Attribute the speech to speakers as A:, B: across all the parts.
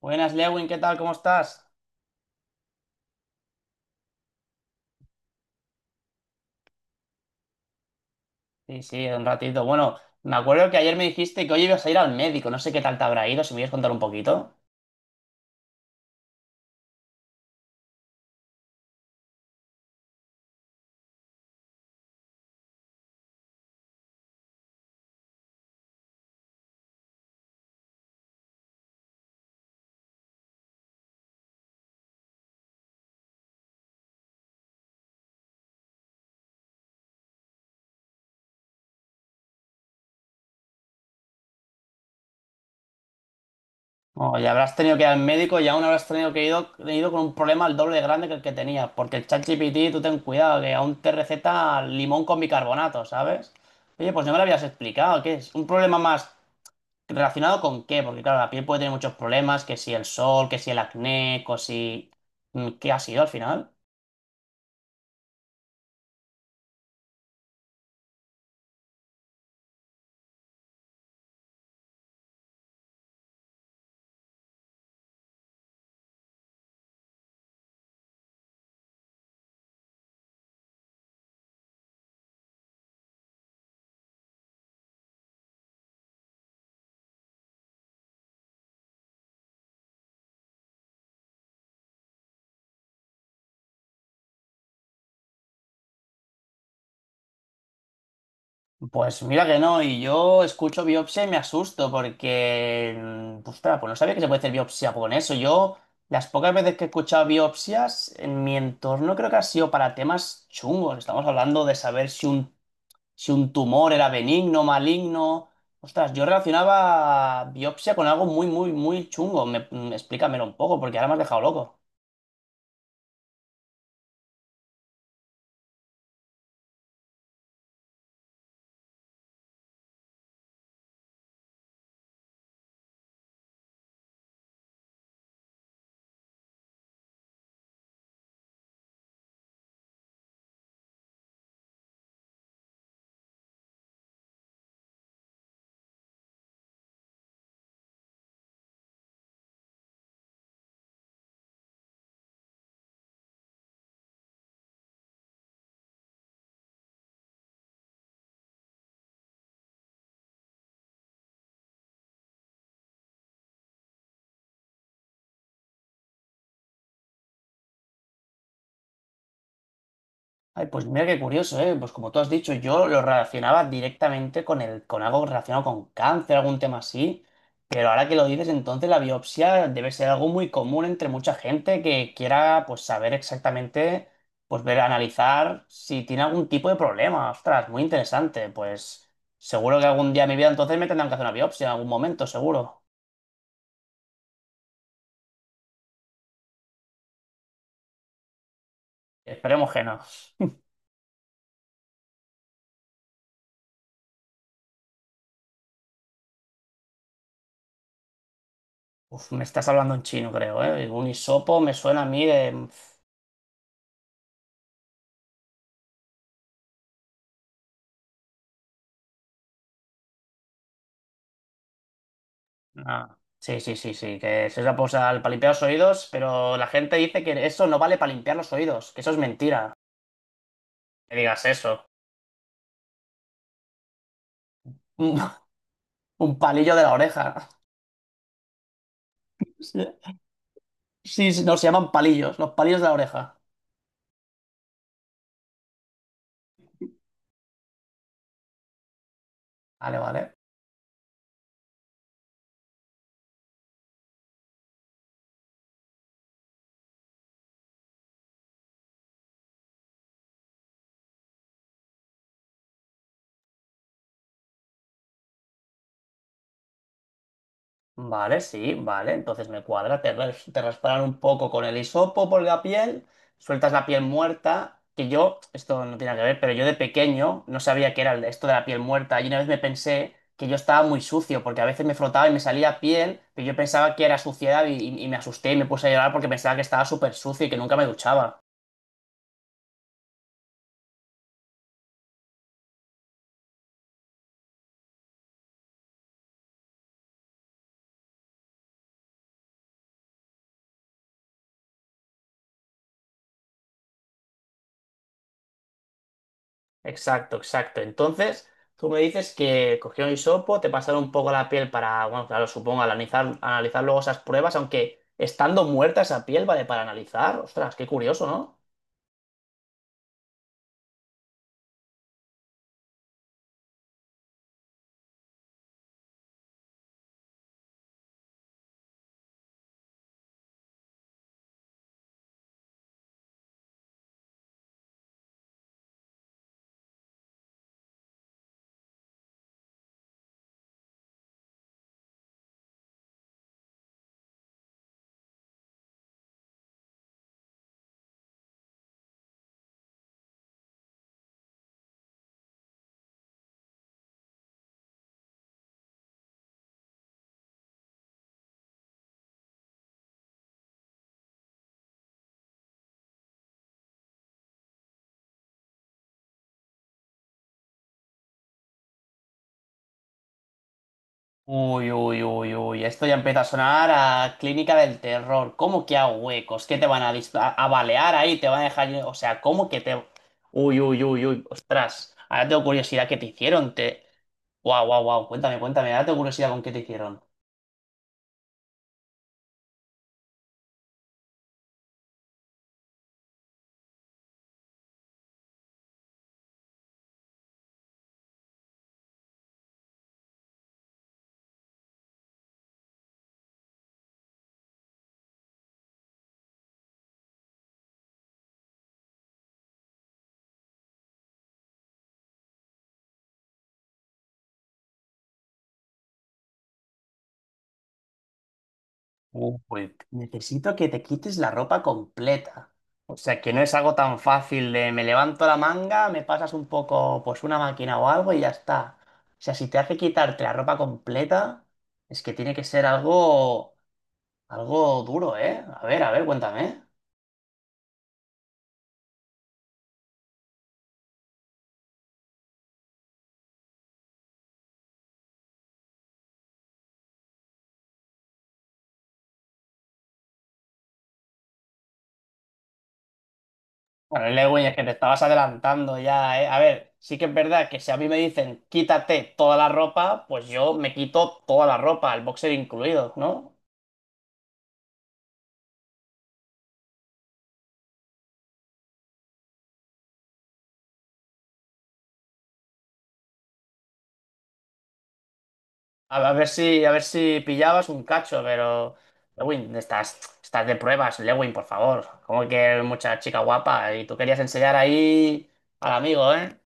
A: Buenas, Lewin, ¿qué tal? ¿Cómo estás? Sí, sí, un ratito. Bueno, me acuerdo que ayer me dijiste que hoy ibas a ir al médico. No sé qué tal te habrá ido, si me quieres contar un poquito. O ya habrás tenido que ir al médico y aún habrás tenido que ido con un problema al doble de grande que el que tenías. Porque el ChatGPT, tú ten cuidado, que aún te receta limón con bicarbonato, ¿sabes? Oye, pues no me lo habías explicado. ¿Qué es? ¿Un problema más relacionado con qué? Porque claro, la piel puede tener muchos problemas, que si el sol, que si el acné, que si¿qué ha sido al final? Pues mira que no, y yo escucho biopsia y me asusto porque, ostras, pues no sabía que se puede hacer biopsia con eso. Yo, las pocas veces que he escuchado biopsias en mi entorno creo que ha sido para temas chungos. Estamos hablando de saber si si un tumor era benigno, maligno. Ostras, yo relacionaba biopsia con algo muy, muy, muy chungo. Explícamelo un poco porque ahora me has dejado loco. Ay, pues mira qué curioso, ¿eh? Pues como tú has dicho, yo lo relacionaba directamente con con algo relacionado con cáncer, algún tema así. Pero ahora que lo dices, entonces la biopsia debe ser algo muy común entre mucha gente que quiera, pues, saber exactamente, pues, ver, analizar si tiene algún tipo de problema. Ostras, muy interesante. Pues seguro que algún día en mi vida entonces me tendrán que hacer una biopsia en algún momento, seguro. Esperemos que no. Uf, me estás hablando en chino, creo, ¿eh? Un hisopo me suena a mí de... Ah, sí, sí, sí, sí, que se usa pues, para limpiar los oídos, pero la gente dice que eso no vale para limpiar los oídos, que eso es mentira. Que digas eso. Un, un palillo de la oreja. Sí, sí, sí, no, se llaman palillos, los palillos de la oreja. Vale, vale. Vale, sí, vale. Entonces me cuadra. Te rasparan un poco con el hisopo por la piel, sueltas la piel muerta. Que yo, esto no tiene nada que ver, pero yo de pequeño no sabía qué era esto de la piel muerta. Y una vez me pensé que yo estaba muy sucio, porque a veces me frotaba y me salía piel, pero yo pensaba que era suciedad y, y me asusté y me puse a llorar porque pensaba que estaba súper sucio y que nunca me duchaba. Exacto, exacto. Entonces, tú me dices que cogió un hisopo, te pasaron un poco la piel para, bueno, claro, supongo, analizar, analizar luego esas pruebas, aunque estando muerta esa piel, ¿vale? Para analizar. Ostras, qué curioso, ¿no? Uy, uy, uy, uy, esto ya empieza a sonar a clínica del terror. ¿Cómo que a huecos? ¿Qué te van a, a balear ahí? ¿Te van a dejar...? O sea, ¿cómo que te...? Uy, uy, uy, uy, ostras. Ahora tengo curiosidad, ¿qué te hicieron? Te... Guau, guau, guau, cuéntame, cuéntame, ahora tengo curiosidad con qué te hicieron. Pues necesito que te quites la ropa completa. O sea, que no es algo tan fácil de me levanto la manga, me pasas un poco, pues una máquina o algo y ya está. O sea, si te hace quitarte la ropa completa, es que tiene que ser algo, algo duro, ¿eh? A ver, cuéntame. Bueno, Lewin, es que te estabas adelantando ya, ¿eh? A ver, sí que es verdad que si a mí me dicen quítate toda la ropa, pues yo me quito toda la ropa, el boxer incluido, ¿no? A ver si, a ver si pillabas un cacho, pero. Lewin, estás, estás de pruebas, Lewin, por favor. Como que mucha chica guapa. Y tú querías enseñar ahí al amigo, ¿eh?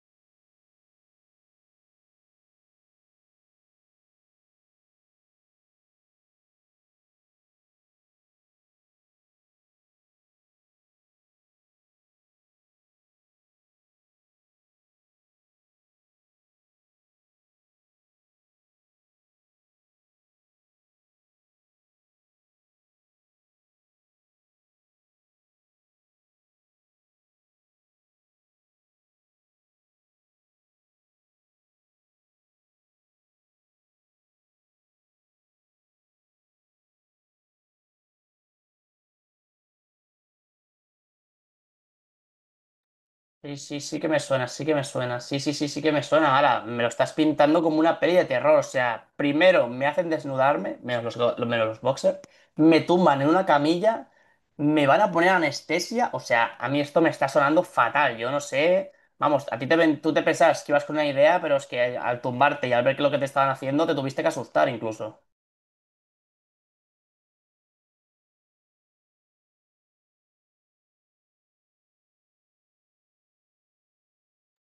A: Sí, sí, sí que me suena, sí que me suena, sí, sí, sí, sí que me suena, ahora me lo estás pintando como una peli de terror, o sea, primero me hacen desnudarme, menos los, menos los boxers, me tumban en una camilla, me van a poner anestesia, o sea, a mí esto me está sonando fatal, yo no sé, vamos, a ti te, tú te pensabas que ibas con una idea, pero es que al tumbarte y al ver que lo que te estaban haciendo, te tuviste que asustar incluso.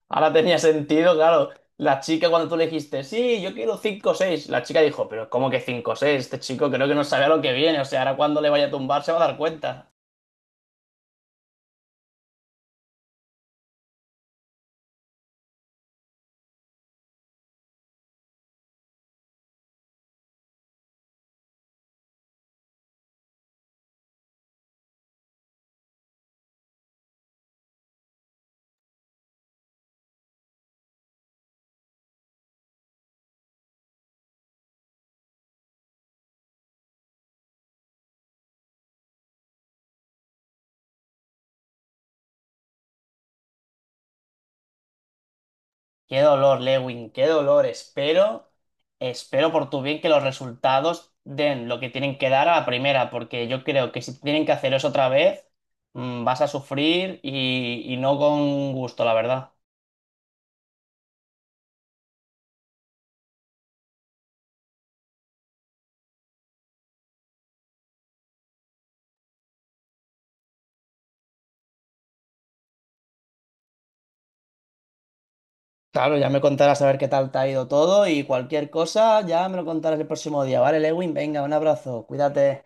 A: Ahora tenía sentido, claro. La chica cuando tú le dijiste, sí, yo quiero 5 o 6, la chica dijo, pero ¿cómo que 5 o 6? Este chico creo que no sabe a lo que viene, o sea, ahora cuando le vaya a tumbar se va a dar cuenta. Qué dolor, Lewin, qué dolor. Espero, espero por tu bien que los resultados den lo que tienen que dar a la primera, porque yo creo que si tienen que hacer eso otra vez, vas a sufrir y, no con gusto, la verdad. Claro, ya me contarás a ver qué tal te ha ido todo y cualquier cosa, ya me lo contarás el próximo día, ¿vale, Lewin? Venga, un abrazo, cuídate.